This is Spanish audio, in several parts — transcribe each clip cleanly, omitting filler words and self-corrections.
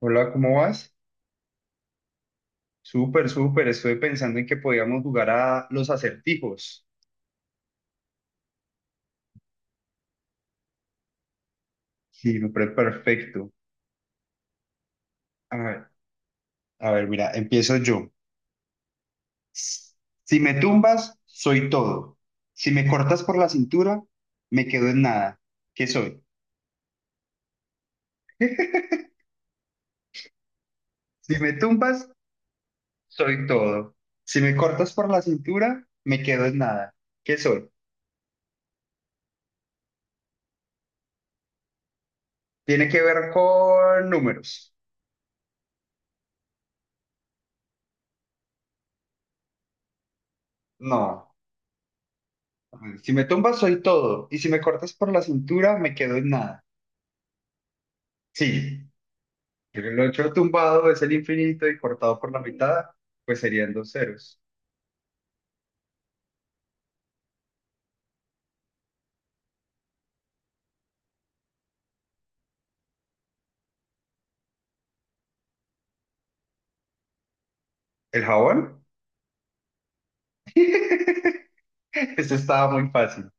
Hola, ¿cómo vas? Súper, súper. Estuve pensando en que podíamos jugar a los acertijos. Sí, me parece perfecto. A ver, a ver, mira, empiezo yo. Si me tumbas, soy todo. Si me cortas por la cintura, me quedo en nada. ¿Qué soy? Si me tumbas, soy todo. Si me cortas por la cintura, me quedo en nada. ¿Qué soy? Tiene que ver con números. No. A ver, si me tumbas, soy todo. Y si me cortas por la cintura, me quedo en nada. Sí, el 8 tumbado es el infinito y cortado por la mitad, pues serían dos ceros. ¿El jabón? Eso estaba muy fácil.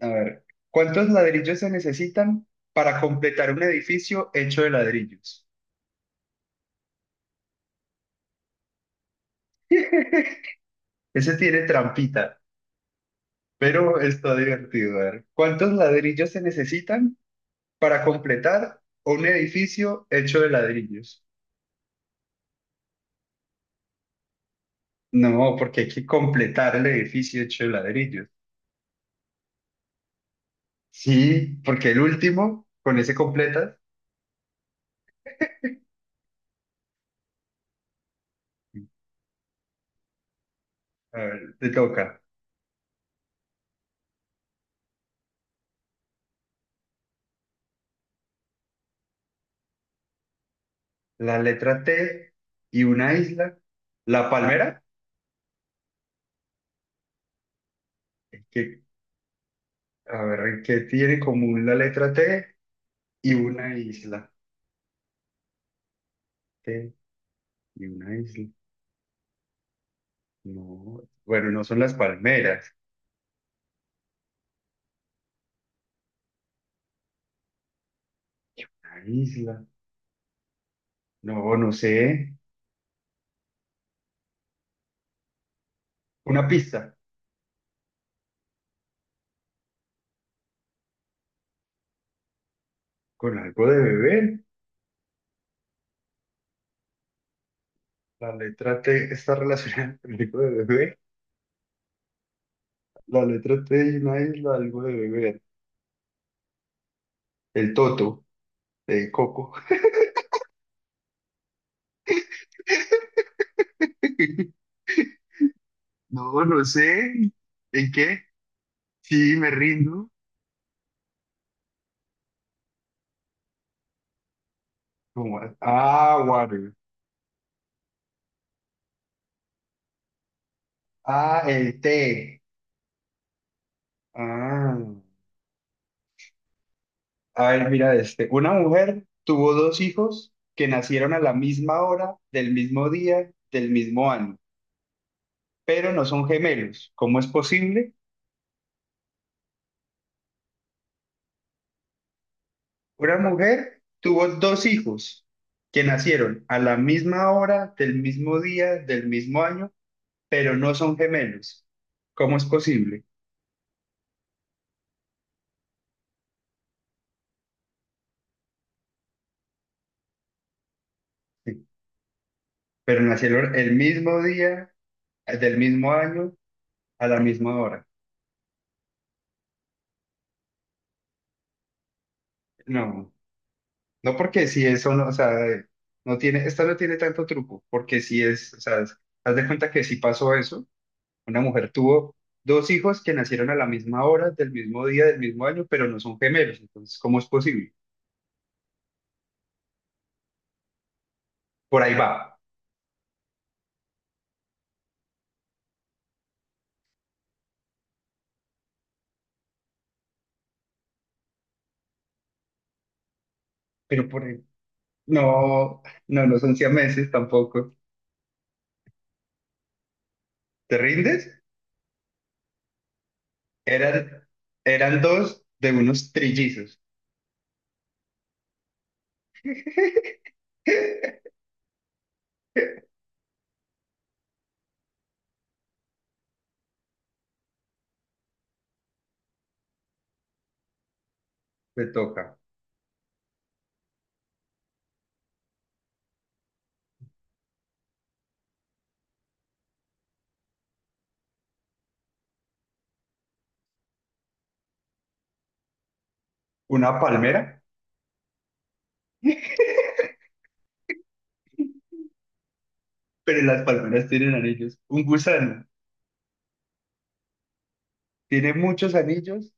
A ver, ¿cuántos ladrillos se necesitan para completar un edificio hecho de ladrillos? Ese tiene trampita, pero está divertido. A ver, ¿cuántos ladrillos se necesitan para completar un edificio hecho de ladrillos? No, porque hay que completar el edificio hecho de ladrillos. Sí, porque el último, con ese completas, a ver, te toca la letra T y una isla. La palmera, es que, a ver, ¿qué tiene en común la letra T y una isla? T y una isla. No, bueno, no son las palmeras, la isla. No, no sé. Una pista, con algo de bebé. La letra T está relacionada con algo de bebé. La letra T y una isla, algo de bebé. El toto, de coco. No, no sé. ¿En qué? Sí, me rindo. ¿Cómo es? Ah, water. Ah, el té. Ah. A ver, mira este. Una mujer tuvo dos hijos que nacieron a la misma hora, del mismo día, del mismo año, pero no son gemelos. ¿Cómo es posible? Una mujer tuvo dos hijos que nacieron a la misma hora, del mismo día, del mismo año, pero no son gemelos. ¿Cómo es posible? Pero nacieron el mismo día, del mismo año, a la misma hora. No, no porque si eso no, o sea, no tiene, esta no tiene tanto truco, porque si es, o sea, haz de cuenta que si pasó eso, una mujer tuvo dos hijos que nacieron a la misma hora, del mismo día, del mismo año, pero no son gemelos, entonces, ¿cómo es posible? Por ahí va, pero por ahí, no, no, no son siameses tampoco. ¿Te rindes? Eran, eran dos de unos trillizos. Te toca. Una palmera, pero las palmeras tienen anillos. Un gusano tiene muchos anillos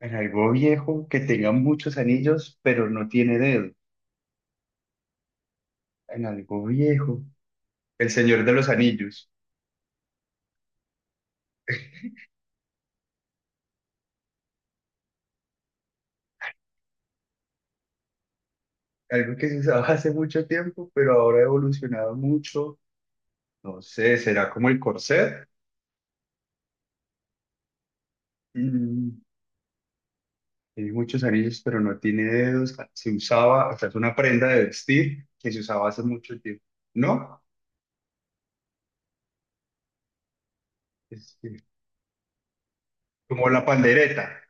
en algo viejo, que tenga muchos anillos, pero no tiene dedo. En algo viejo. El Señor de los Anillos. Algo que se usaba hace mucho tiempo, pero ahora ha evolucionado mucho. No sé, será como el corset. Mm, tiene muchos anillos, pero no tiene dedos. Se usaba, o sea, es una prenda de vestir que se usaba hace mucho tiempo. ¿No? Es, como la pandereta.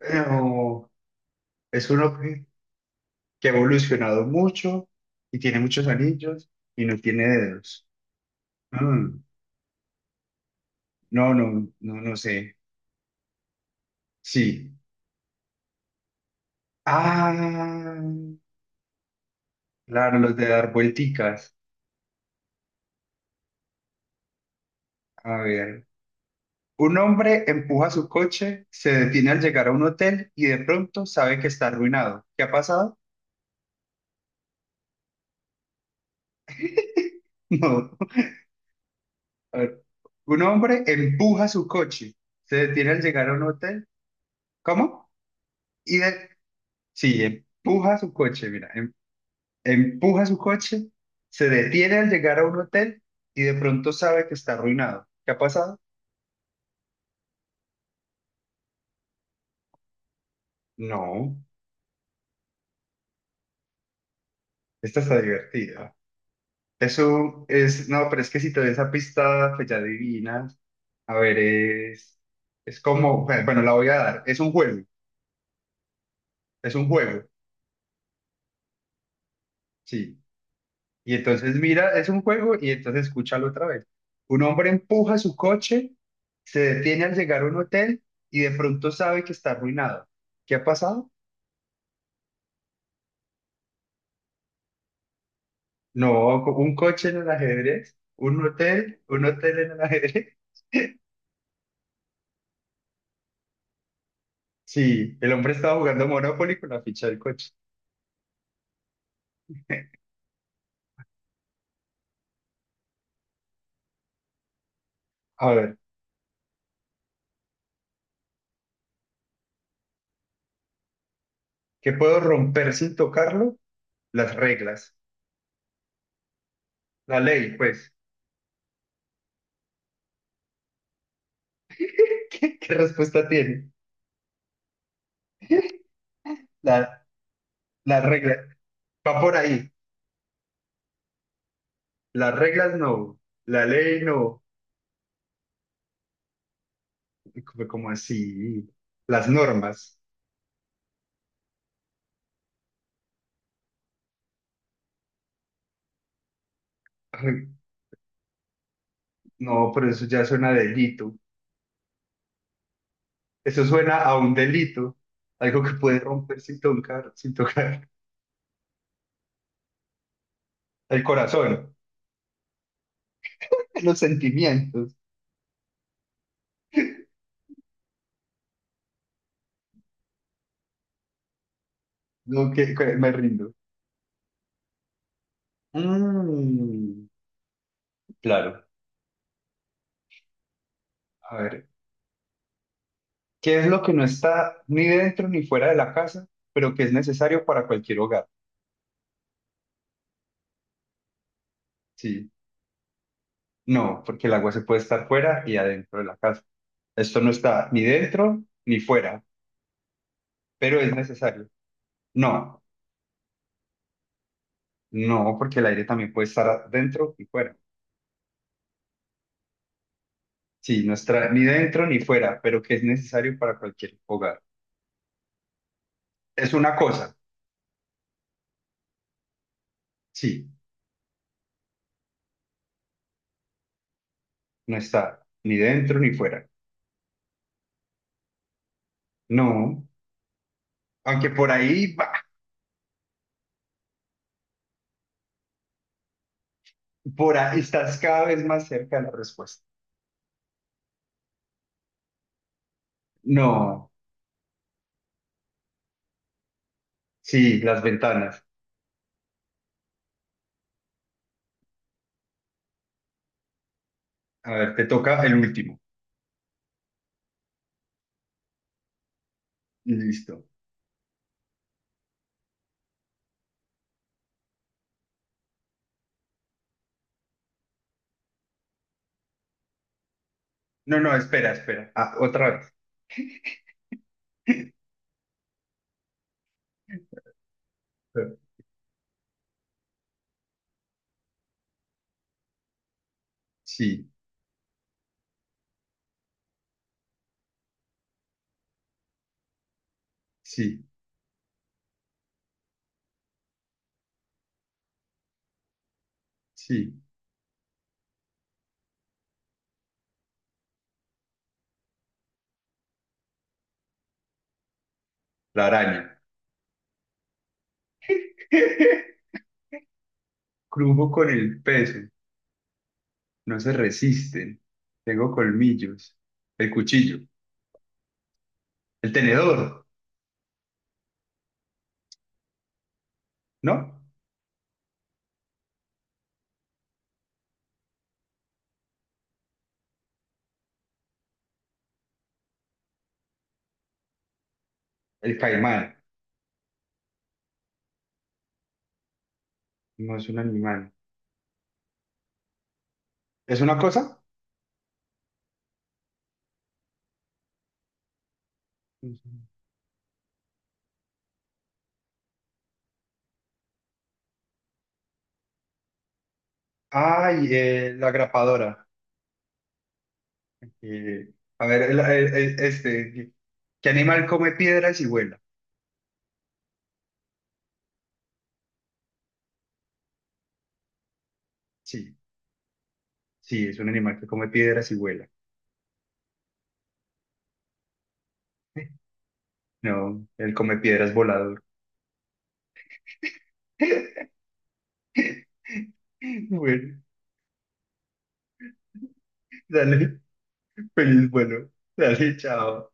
No. Es un objeto que ha evolucionado mucho y tiene muchos anillos y no tiene dedos. Mm, no, no, no, no sé. Sí. Ah, claro, los de dar vuelticas. A ver. Un hombre empuja su coche, se detiene al llegar a un hotel y de pronto sabe que está arruinado. ¿Qué ha pasado? No. A ver. Un hombre empuja su coche, se detiene al llegar a un hotel. ¿Cómo? Y de... Sí, empuja su coche, mira, empuja su coche, se detiene al llegar a un hotel y de pronto sabe que está arruinado. ¿Qué ha pasado? No, esta está divertida. Eso es, no, pero es que si te doy esa pista, pues ya adivinas. A ver, es como, bueno, bueno, la voy a dar. Es un juego, sí. Y entonces mira, es un juego y entonces escúchalo otra vez. Un hombre empuja su coche, se detiene al llegar a un hotel y de pronto sabe que está arruinado. ¿Qué ha pasado? No, un coche en el ajedrez, un hotel en el ajedrez. Sí, el hombre estaba jugando Monopoly con la ficha del coche. A ver, ¿qué puedo romper sin tocarlo? Las reglas, la ley, pues. ¿Qué respuesta tiene? La, las reglas, va por ahí. Las reglas no, la ley no. Como así? Las normas. Ay, no, pero eso ya suena a delito. Eso suena a un delito, algo que puede romper sin tocar, sin tocar. El corazón. Los sentimientos. Lo que me rindo. Mm, claro. A ver, ¿qué es lo que no está ni dentro ni fuera de la casa, pero que es necesario para cualquier hogar? Sí. No, porque el agua se puede estar fuera y adentro de la casa. Esto no está ni dentro ni fuera, pero es necesario. No, no, porque el aire también puede estar dentro y fuera. Sí, no está ni dentro ni fuera, pero que es necesario para cualquier hogar. Es una cosa. Sí. No está ni dentro ni fuera. No. Aunque por ahí, va, por ahí estás cada vez más cerca de la respuesta. No. Sí, las ventanas. A ver, te toca el último. Listo. No, no, espera, espera. Ah, otra vez. Sí, sí, sí. La araña. Crujo con el peso. No se resisten. Tengo colmillos. El cuchillo. El tenedor. ¿No? El caimán. No es un animal. ¿Es una cosa? Ay, la grapadora. Eh, a ver, este, ¿qué animal come piedras y vuela? Sí, sí, es un animal que come piedras y vuela. No, él come piedras volador. Bueno, dale, feliz, bueno, dale, chao.